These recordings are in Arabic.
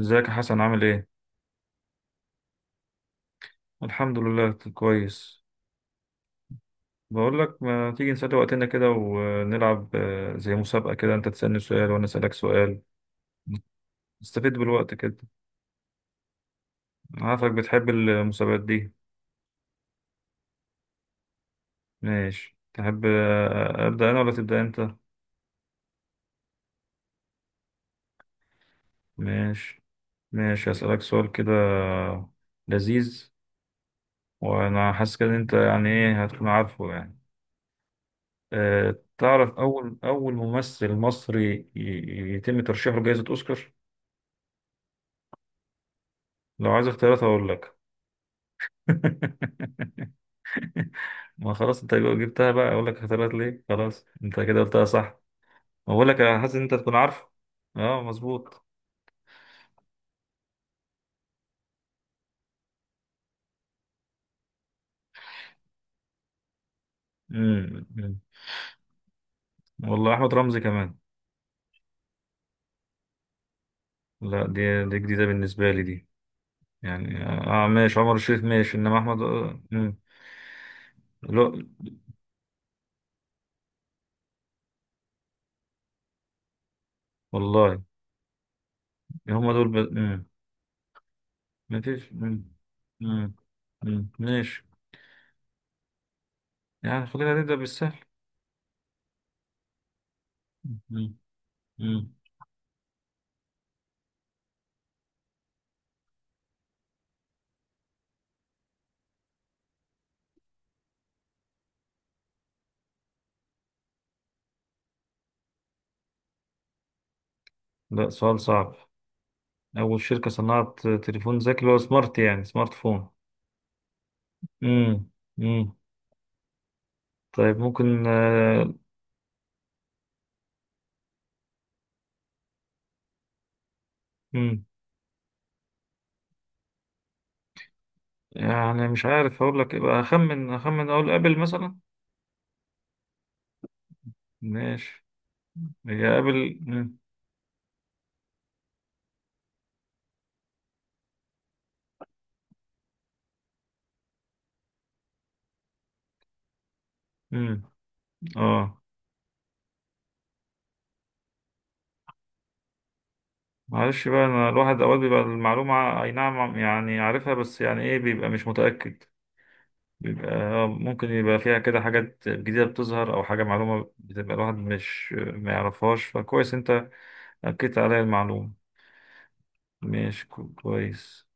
ازيك يا حسن عامل ايه؟ الحمد لله كويس. بقول لك ما تيجي نسلي وقتنا كده ونلعب، زي مسابقة كده، انت تسألني سؤال وانا أسألك سؤال. نستفيد بالوقت كده. عارفك بتحب المسابقات دي. ماشي، تحب، أبدأ انا ولا تبدأ انت؟ ماشي. ماشي، هسألك سؤال كده لذيذ. وانا حاسس كده ان انت، يعني ايه، هتكون عارفه يعني. أه، تعرف اول ممثل مصري يتم ترشيحه لجائزة اوسكار؟ لو عايز اختيارات هقول لك. ما خلاص، انت لو جبتها بقى اقول لك اختيارات ليه؟ خلاص انت كده قلتها صح. اقول لك، انا حاسس ان انت تكون عارفه. اه، مظبوط. أمم. والله احمد رمزي كمان. لا، دي جديده بالنسبه لي دي. يعني اه ماشي، عمر الشريف ماشي، انما احمد. لا، والله. هم دول. مفيش. امم. أمم. ماشي. يعني خلينا نبدا بالسهل. أمم. أمم. لا، سؤال صعب. أول شركة صنعت تليفون ذكي هو سمارت، يعني سمارت فون. امم. امم. طيب، ممكن. امم يعني مش عارف أقول لك، يبقى أخمن أخمن، أقول أبل مثلا. ماشي. هي أبل. امم اه، معلش بقى، أنا الواحد أوقات بيبقى المعلومة، أي نعم يعني عارفها، بس يعني إيه، بيبقى مش متأكد. بيبقى ممكن يبقى فيها كده حاجات جديدة بتظهر، أو حاجة معلومة بتبقى الواحد مش ما يعرفهاش. فكويس أنت أكدت عليا المعلومة. ماشي، كويس.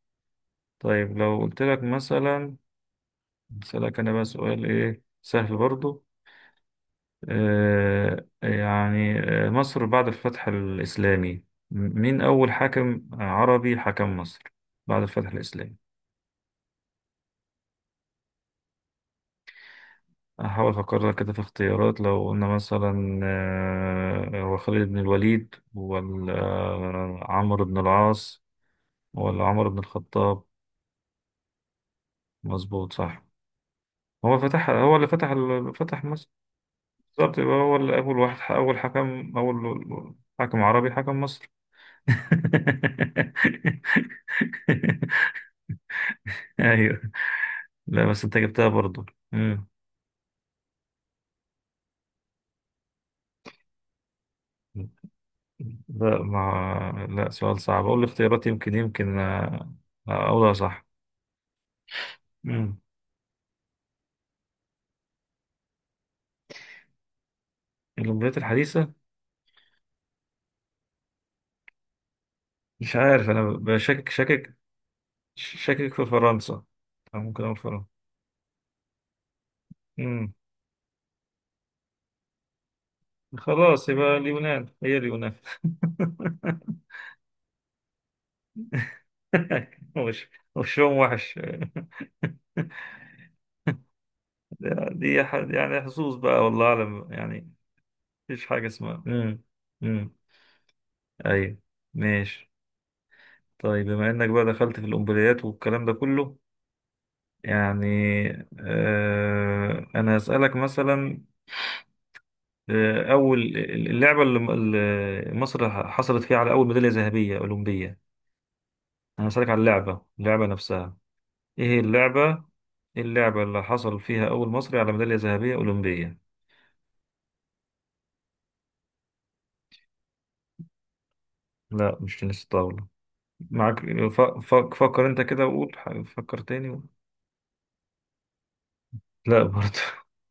طيب لو قلت لك مثلا، أسألك أنا بقى سؤال إيه سهل برضو. يعني، مصر بعد الفتح الإسلامي، مين أول حاكم عربي حكم مصر بعد الفتح الإسلامي؟ هحاول أفكر لك كده في اختيارات. لو قلنا مثلا هو خالد بن الوليد ولا عمرو بن العاص، ولا عمرو بن الخطاب. مظبوط، صح. هو اللي فتح فتح مصر. بالظبط، يبقى هو ال- أول واحد ح- أول حكم أول حكم عربي حكم مصر. أيوه. لا بس أنت جبتها برضو. مم. لا، ما لا، سؤال صعب، أقول الاختيارات، يمكن، أقولها صح. مم. الولايات الحديثة. مش عارف، أنا بشكك، شاكك، شاكك في فرنسا، أو ممكن أقول فرنسا. مم. خلاص، يبقى اليونان، هي اليونان. وشهم وحش. دي يعني حظوظ بقى، والله أعلم يعني. مفيش حاجة اسمها. امم. أيوة. ماشي. طيب بما إنك بقى دخلت في الأمبليات والكلام ده كله، يعني أنا هسألك مثلا، أول اللعبة اللي مصر حصلت فيها على أول ميدالية ذهبية أولمبية. أنا هسألك على اللعبة نفسها، إيه هي اللعبة، إيه اللعبة اللي حصل فيها أول مصري على ميدالية ذهبية أولمبية؟ لا، مش تنس الطاولة، معاك. فكر انت كده وقول، فكر تاني. لا برضه.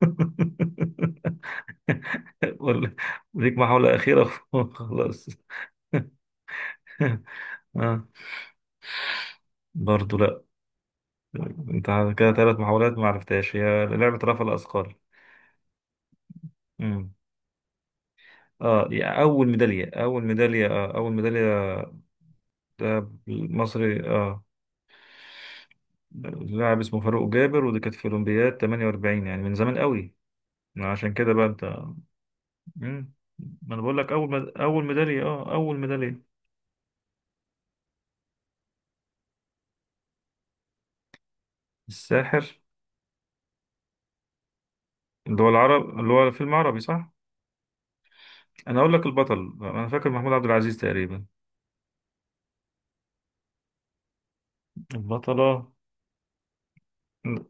ولا، ليك محاولة أخيرة. خلاص. آه. برضه لا. انت كده ثلاث محاولات ما عرفتهاش، هي لعبة رفع الأثقال. مم. اه يعني، أول ميدالية، أول ميدالية، أول ميدالية، ده مصري، اه، لاعب اسمه فاروق جابر، ودي كانت في أولمبياد 48، يعني من زمان قوي. عشان كده بقى انت. مم. ما انا بقول لك، اول ميداليه، اه، اول ميداليه. الساحر، اللي هو فيلم عربي صح. انا اقول لك البطل، انا فاكر محمود عبد العزيز تقريبا. البطله، م-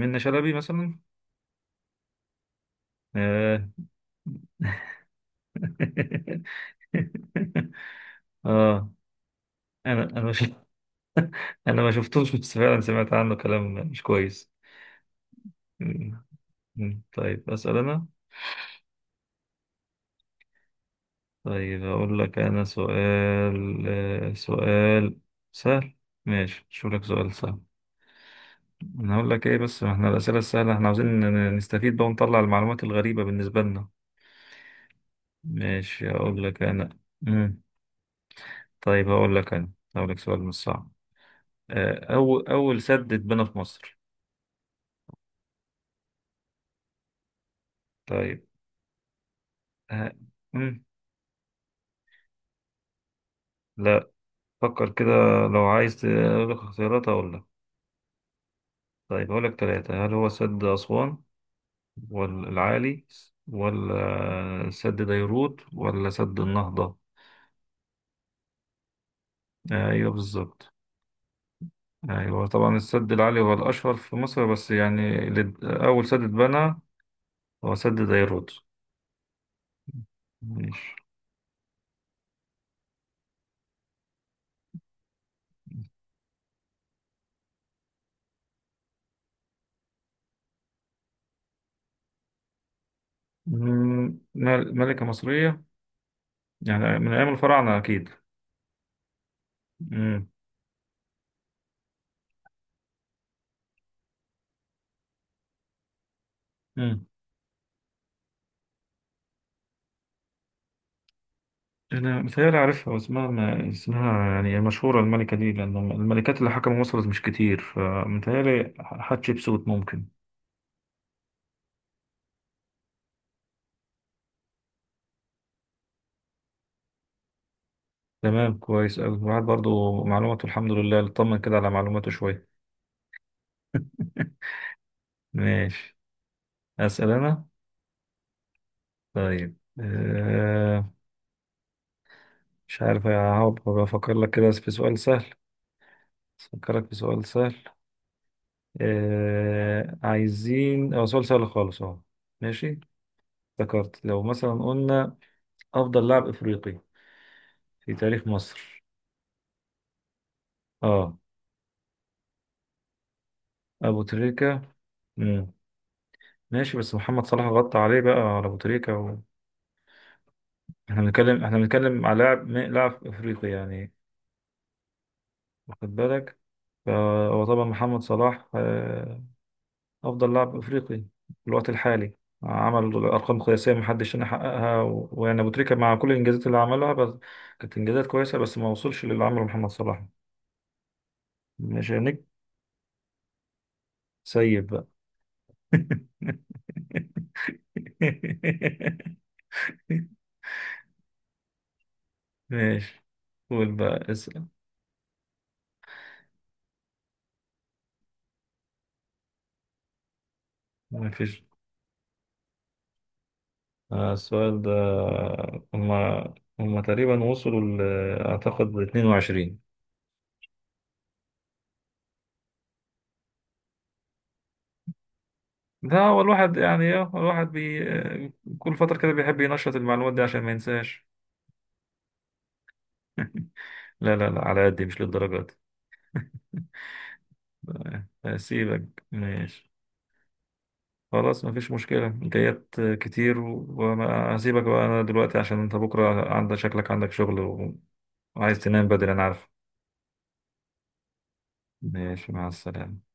منة شلبي مثلا. اه. اه، انا مش. انا ما شفتوش بس فعلا سمعت عنه كلام مش كويس. مم. مم. طيب اسال انا. طيب اقول لك انا سؤال، سؤال سهل. ماشي، شو لك سؤال سهل. انا هقول لك ايه، بس ما احنا الاسئله السهله، احنا عاوزين نستفيد بقى ونطلع المعلومات الغريبه بالنسبه لنا. ماشي، هقول لك انا. امم. طيب هقول لك انا، هقول لك سؤال مش صعب، اول سد اتبنى في مصر. طيب. آه، مم. لا، فكر كده. لو عايز اقول لك اختيارات، اقول لك. طيب هقول لك ثلاثه، هل هو سد اسوان، ولا العالي، ولا سد ديروت، ولا سد النهضه؟ ايوه بالظبط. ايوه طبعا السد العالي هو الاشهر في مصر، بس يعني اول سد اتبنى هو سد دايرود. ماشي. مم، ملكة مصرية، يعني من أيام الفراعنة أكيد. مم. مم. أنا متهيألي عارفها، واسمها، ما اسمها يعني مشهورة الملكة دي، لأن الملكات اللي حكموا مصر مش كتير، فمتهيألي حتشبسوت ممكن. تمام، كويس أوي، الواحد برضو معلوماته الحمد لله اطمن كده على معلوماته شوية. ماشي، أسأل أنا. طيب مش عارف، هقعد بفكر لك كده في سؤال سهل، أفكرك في سؤال سهل. آه، عايزين أو سؤال سهل خالص أهو. ماشي. افتكرت لو مثلا قلنا أفضل لاعب إفريقي في تاريخ مصر. أه، أبو تريكة. مم. ماشي بس محمد صلاح غطى عليه بقى، على أبو تريكة. إحنا بنتكلم على لاعب، لاعب إفريقي يعني، واخد بالك، فهو طبعا محمد صلاح. أفضل لاعب أفريقي في الوقت الحالي، عمل أرقام قياسية محدش هنا حققها، ويعني أبو تريكة مع كل الإنجازات اللي عملها، بس كانت إنجازات كويسة، بس ما وصلش للي عمله محمد صلاح. مش هنك. سيب بقى. ماشي، قول بقى اسأل. مفيش، السؤال ده، هما هما تقريبا وصلوا أعتقد 22. لا هو الواحد يعني إيه، الواحد بي كل فترة كده بيحب ينشط المعلومات دي عشان ما ينساش. لا لا لا، على قدي مش للدرجة دي. هسيبك، ماشي. خلاص مفيش مشكلة، جايات كتير، وما هسيبك بقى أنا دلوقتي عشان أنت بكرة عندك، شكلك عندك شغل، وعايز تنام بدري أنا عارف. ماشي، مع السلامة.